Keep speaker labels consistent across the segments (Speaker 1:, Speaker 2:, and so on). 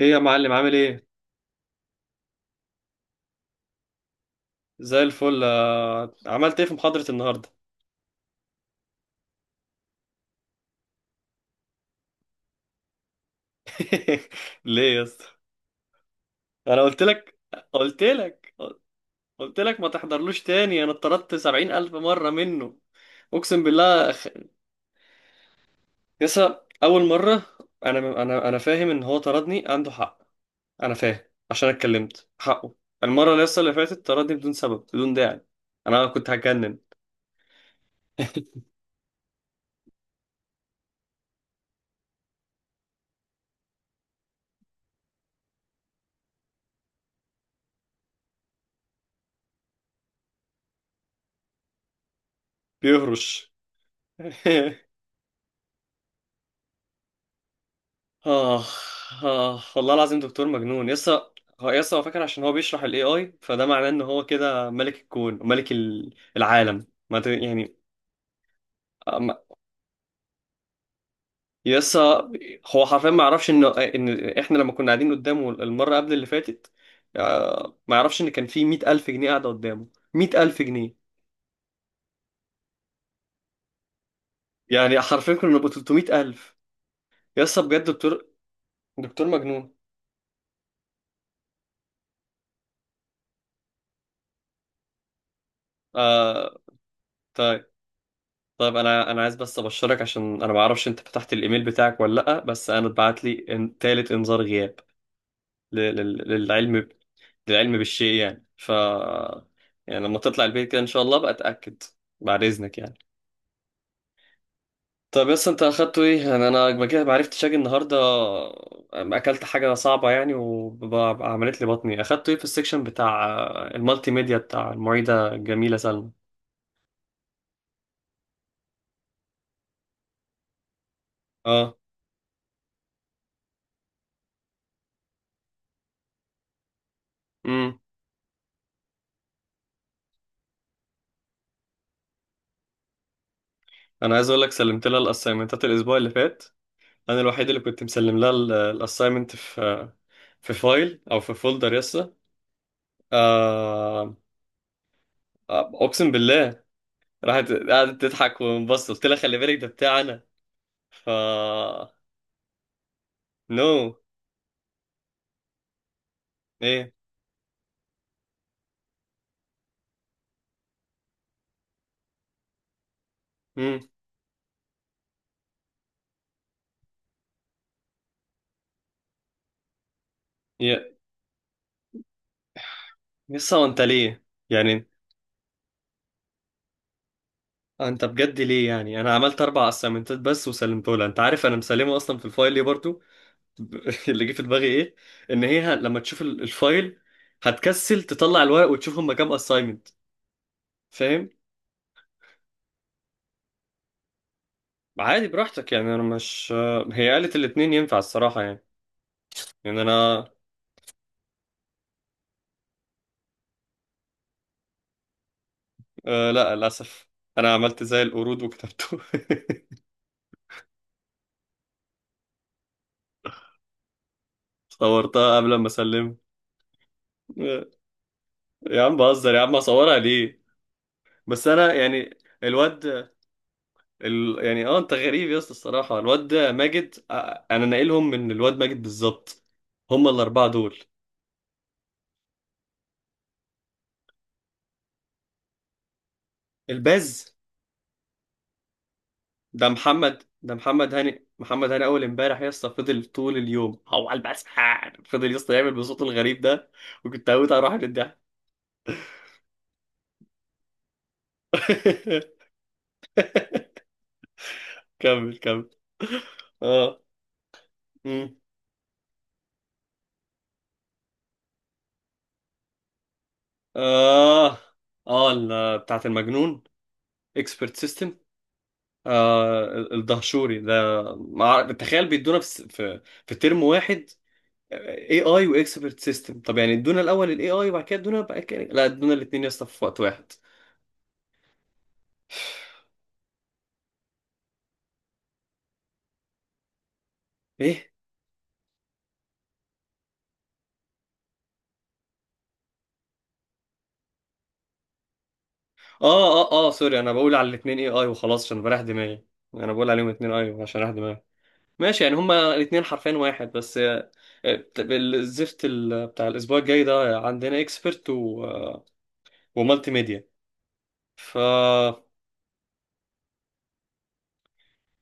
Speaker 1: ايه يا معلم، عامل ايه؟ زي الفل. عملت ايه في محاضرة النهاردة؟ ليه يا اسطى؟ انا قلت لك قلت لك ما تحضرلوش تاني. انا اتطردت 70000 مرة منه. اقسم بالله. اول مرة. انا فاهم ان هو طردني عنده حق. انا فاهم. عشان أنا اتكلمت حقه. المرة اللي اللي فاتت طردني بدون سبب، بدون داعي. انا كنت هتجنن. بيهرش. آه. آه والله العظيم، دكتور مجنون. هو فاكر عشان هو بيشرح ال AI، فده معناه إن هو كده ملك الكون وملك العالم، ما ت- يعني. آه، ما- يسا هو حرفيا ما يعرفش إن إحنا لما كنا قاعدين قدامه المرة قبل اللي فاتت. ما يعرفش إن كان في 100000 جنيه قاعدة قدامه. 100000 جنيه. يعني حرفيا كنا نبقى 300 ألف. بجد دكتور. دكتور مجنون. آه طيب، انا عايز بس ابشرك، عشان انا ما اعرفش انت فتحت الايميل بتاعك ولا لا. بس انا اتبعت لي تالت انذار غياب. للعلم، للعلم بالشيء يعني. يعني لما تطلع البيت كده، ان شاء الله بقى اتاكد. بعد اذنك يعني. طب بس انت اخدته ايه؟ يعني انا ما كده ما عرفتش اجي النهارده. اكلت حاجه صعبه يعني وعملت لي بطني. اخدته ايه في السكشن بتاع المالتي ميديا بتاع المعيده الجميله سلمى؟ اه. امم انا عايز اقول لك، سلمت لها الاسايمنتات الاسبوع اللي فات. انا الوحيد اللي كنت مسلم لها الاساينمنت في فايل او في فولدر. آه، اقسم بالله، راحت قعدت تضحك وانبسط قلت لها خلي بالك، ده بتاع انا. ف نو. ايه؟ امم يا يسا وانت ليه؟ يعني، انت بجد ليه؟ يعني انا عملت 4 اسايمنتات بس وسلمته لها، انت عارف انا مسلمه اصلا في الفايل، ليه برضو؟ اللي جه في دماغي ايه؟ ان هي لما تشوف الفايل هتكسل تطلع الورق وتشوف هما كام اساينمنت. فاهم؟ عادي براحتك يعني، انا مش... هي قالت الاتنين ينفع الصراحة يعني. يعني انا... لا للاسف، انا عملت زي القرود وكتبته. صورتها قبل ما اسلم. يا عم بهزر، يا عم اصورها ليه؟ بس انا يعني... الواد، ال... يعني اه انت غريب يا اسطى الصراحة. الواد ده ماجد، انا ناقلهم من الواد ماجد بالظبط. هم الاربعة دول. الباز، ده محمد هاني، محمد هاني. اول امبارح يا اسطى فضل طول اليوم هو على البسحان، فضل يا اسطى يعمل بصوته الغريب ده، وكنت هموت اروح من الضحك. كمل كمل. اه. مم. اه، اه، بتاعت المجنون، اكسبرت سيستم. الدهشوري ده. تخيل بيدونا في ترم واحد اي اي واكسبرت سيستم. طب يعني ادونا الاول الاي اي وبعد كده ادونا بقى كده، لا، ادونا الاثنين يا اسطى في وقت واحد. ايه؟ اه، اه، اه، سوري. انا بقول على الاثنين اي اي وخلاص عشان بريح دماغي. انا بقول عليهم الاثنين اي عشان اريح دماغي. ماشي، يعني هما الاثنين حرفين واحد بس. الزفت بتاع الاسبوع الجاي ده عندنا اكسبرت و ومالتي ميديا. ف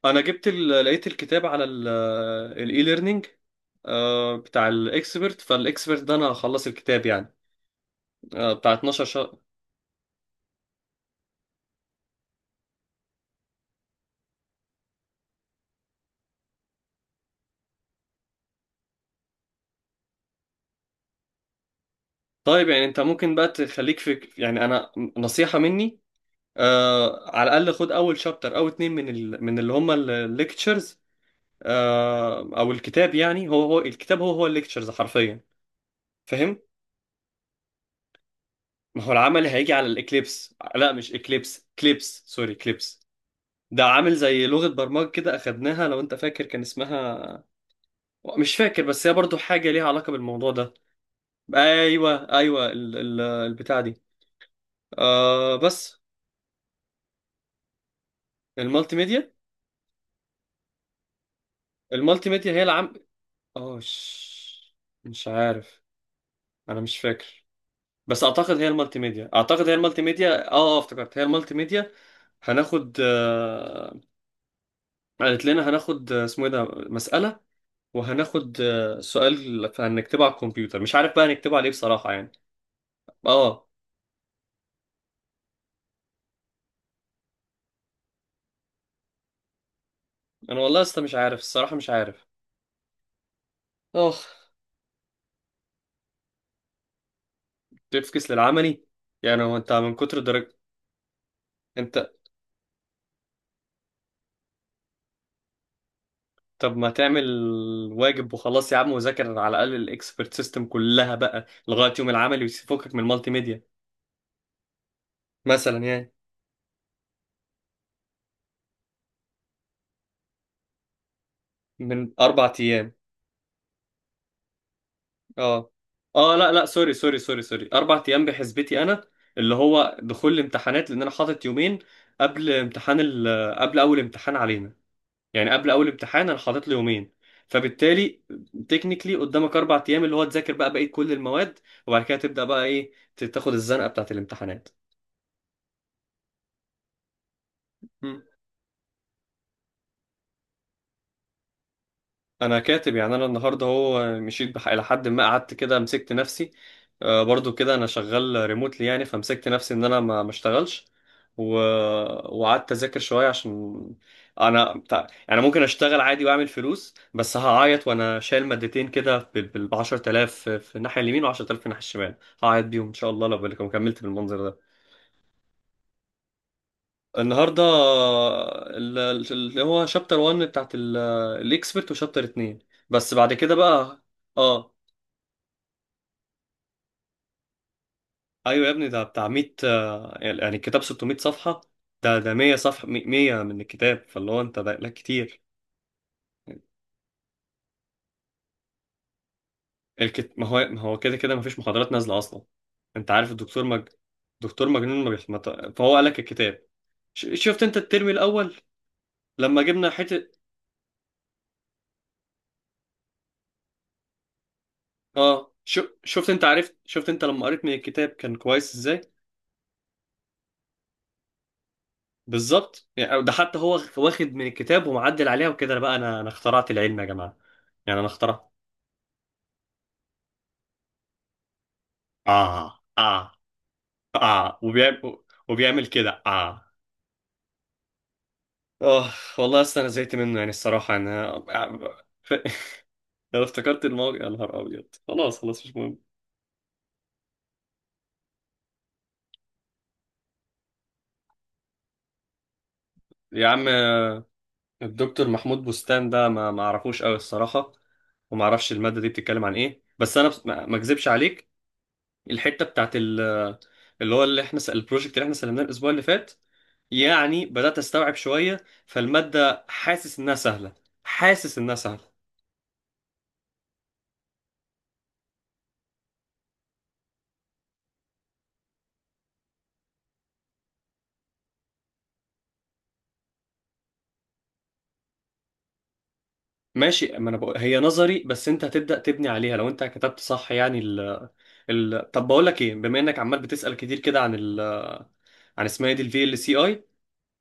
Speaker 1: انا لقيت الكتاب على الاي ليرنينج بتاع الاكسبرت. فالاكسبرت ده انا هخلص الكتاب يعني، بتاع 12 شهر. طيب يعني انت ممكن بقى تخليك في، يعني انا نصيحة مني، على الاقل خد اول شابتر او اتنين من اللي هم الليكتشرز، او الكتاب. يعني هو الكتاب هو الليكتشرز حرفيا. فاهم؟ ما هو العمل هيجي على الاكليبس، لا مش اكليبس، كليبس، سوري، كليبس. ده عامل زي لغة برمجة كده اخدناها لو انت فاكر، كان اسمها... مش فاكر، بس هي برضو حاجة ليها علاقة بالموضوع ده. ايوه، ايوه، البتاع دي. بس. المالتي ميديا. المالتي ميديا هي اه ش- مش عارف. انا مش فاكر، بس اعتقد هي المالتي ميديا، اعتقد هي المالتي ميديا، افتكرت هي المالتي ميديا. هناخد قالت لنا هناخد اسمه ايه ده، مسألة، وهناخد سؤال هنكتبه على الكمبيوتر. مش عارف بقى هنكتبه على ايه بصراحة يعني. اه. انا والله لسه مش عارف الصراحة، مش عارف. اه، تفكس للعملي. يعني هو انت من كتر درجة... انت طب ما تعمل واجب وخلاص يا عم، وذاكر على الاقل الاكسبرت سيستم كلها بقى لغاية يوم العملي، وفكك من المالتي ميديا مثلا يعني. من 4 ايام. اه، اه، لا، لا، سوري، سوري، سوري، سوري. 4 ايام بحسبتي انا، اللي هو دخول الامتحانات، لان انا حاطط يومين قبل امتحان قبل اول امتحان علينا. يعني قبل اول امتحان انا حاطط له يومين، فبالتالي تكنيكلي قدامك 4 ايام اللي هو تذاكر بقى بقيه كل المواد، وبعد كده تبدا بقى ايه، تاخد الزنقه بتاعت الامتحانات. انا كاتب يعني، انا النهارده هو مشيت الى حد ما قعدت كده مسكت نفسي. برضو كده انا شغال ريموتلي يعني، فمسكت نفسي ان انا ما اشتغلش، و... وقعدت اذاكر شويه. عشان انا يعني ممكن اشتغل عادي واعمل فلوس، بس هعيط وانا شايل مادتين كده بال 10000 في الناحيه اليمين و10000 في الناحيه الشمال. هعيط بيهم ان شاء الله لو كملت بالمنظر ده. النهارده اللي هو شابتر 1 بتاعت الاكسبرت، وشابتر 2 بس، بعد كده بقى... اه، ايوه يا ابني، ده بتاع 100، يعني الكتاب 600 صفحة، ده ده 100 صفحة، 100 من الكتاب، فاللي هو انت ده لا كتير. ما هو ما هو كده كده ما فيش محاضرات نازلة اصلا. انت عارف الدكتور. دكتور مجنون ما بيح... ما ت- فهو قال لك الكتاب. شفت انت الترم الاول لما جبنا حتة. اه، ش... شفت انت عرفت شفت انت لما قريت من الكتاب كان كويس ازاي. بالظبط، يعني ده حتى هو واخد من الكتاب ومعدل عليها وكده، أنا بقى انا اخترعت العلم يا جماعه. يعني انا اخترع... اه، اه، اه، وبيعمل كده، اه. اه والله، اصل انا زهقت منه يعني، الصراحه انا... ف- لو افتكرت الموقع يا نهار ابيض. خلاص، خلاص، مش مهم. يا عم، الدكتور محمود بستان ده ما ما اعرفوش قوي الصراحه، وما اعرفش الماده دي بتتكلم عن ايه، بس انا ما اكذبش عليك، الحته بتاعت اللي هو اللي احنا البروجكت اللي احنا سلمناه الاسبوع اللي فات، يعني بدأت أستوعب شوية فالمادة، حاسس إنها سهلة. حاسس إنها سهلة. ماشي، ما أنا بقول هي نظري، بس أنت هتبدأ تبني عليها لو أنت كتبت صح. يعني ال ال طب بقول لك إيه، بما إنك عمال بتسأل كتير كده عن عن اسمها إيه دي، ال VLCI.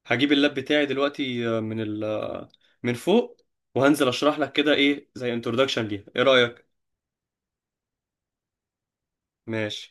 Speaker 1: هجيب اللاب بتاعي دلوقتي من من فوق، وهنزل أشرح لك كده، إيه زي انترودكشن ليها. إيه رأيك؟ ماشي.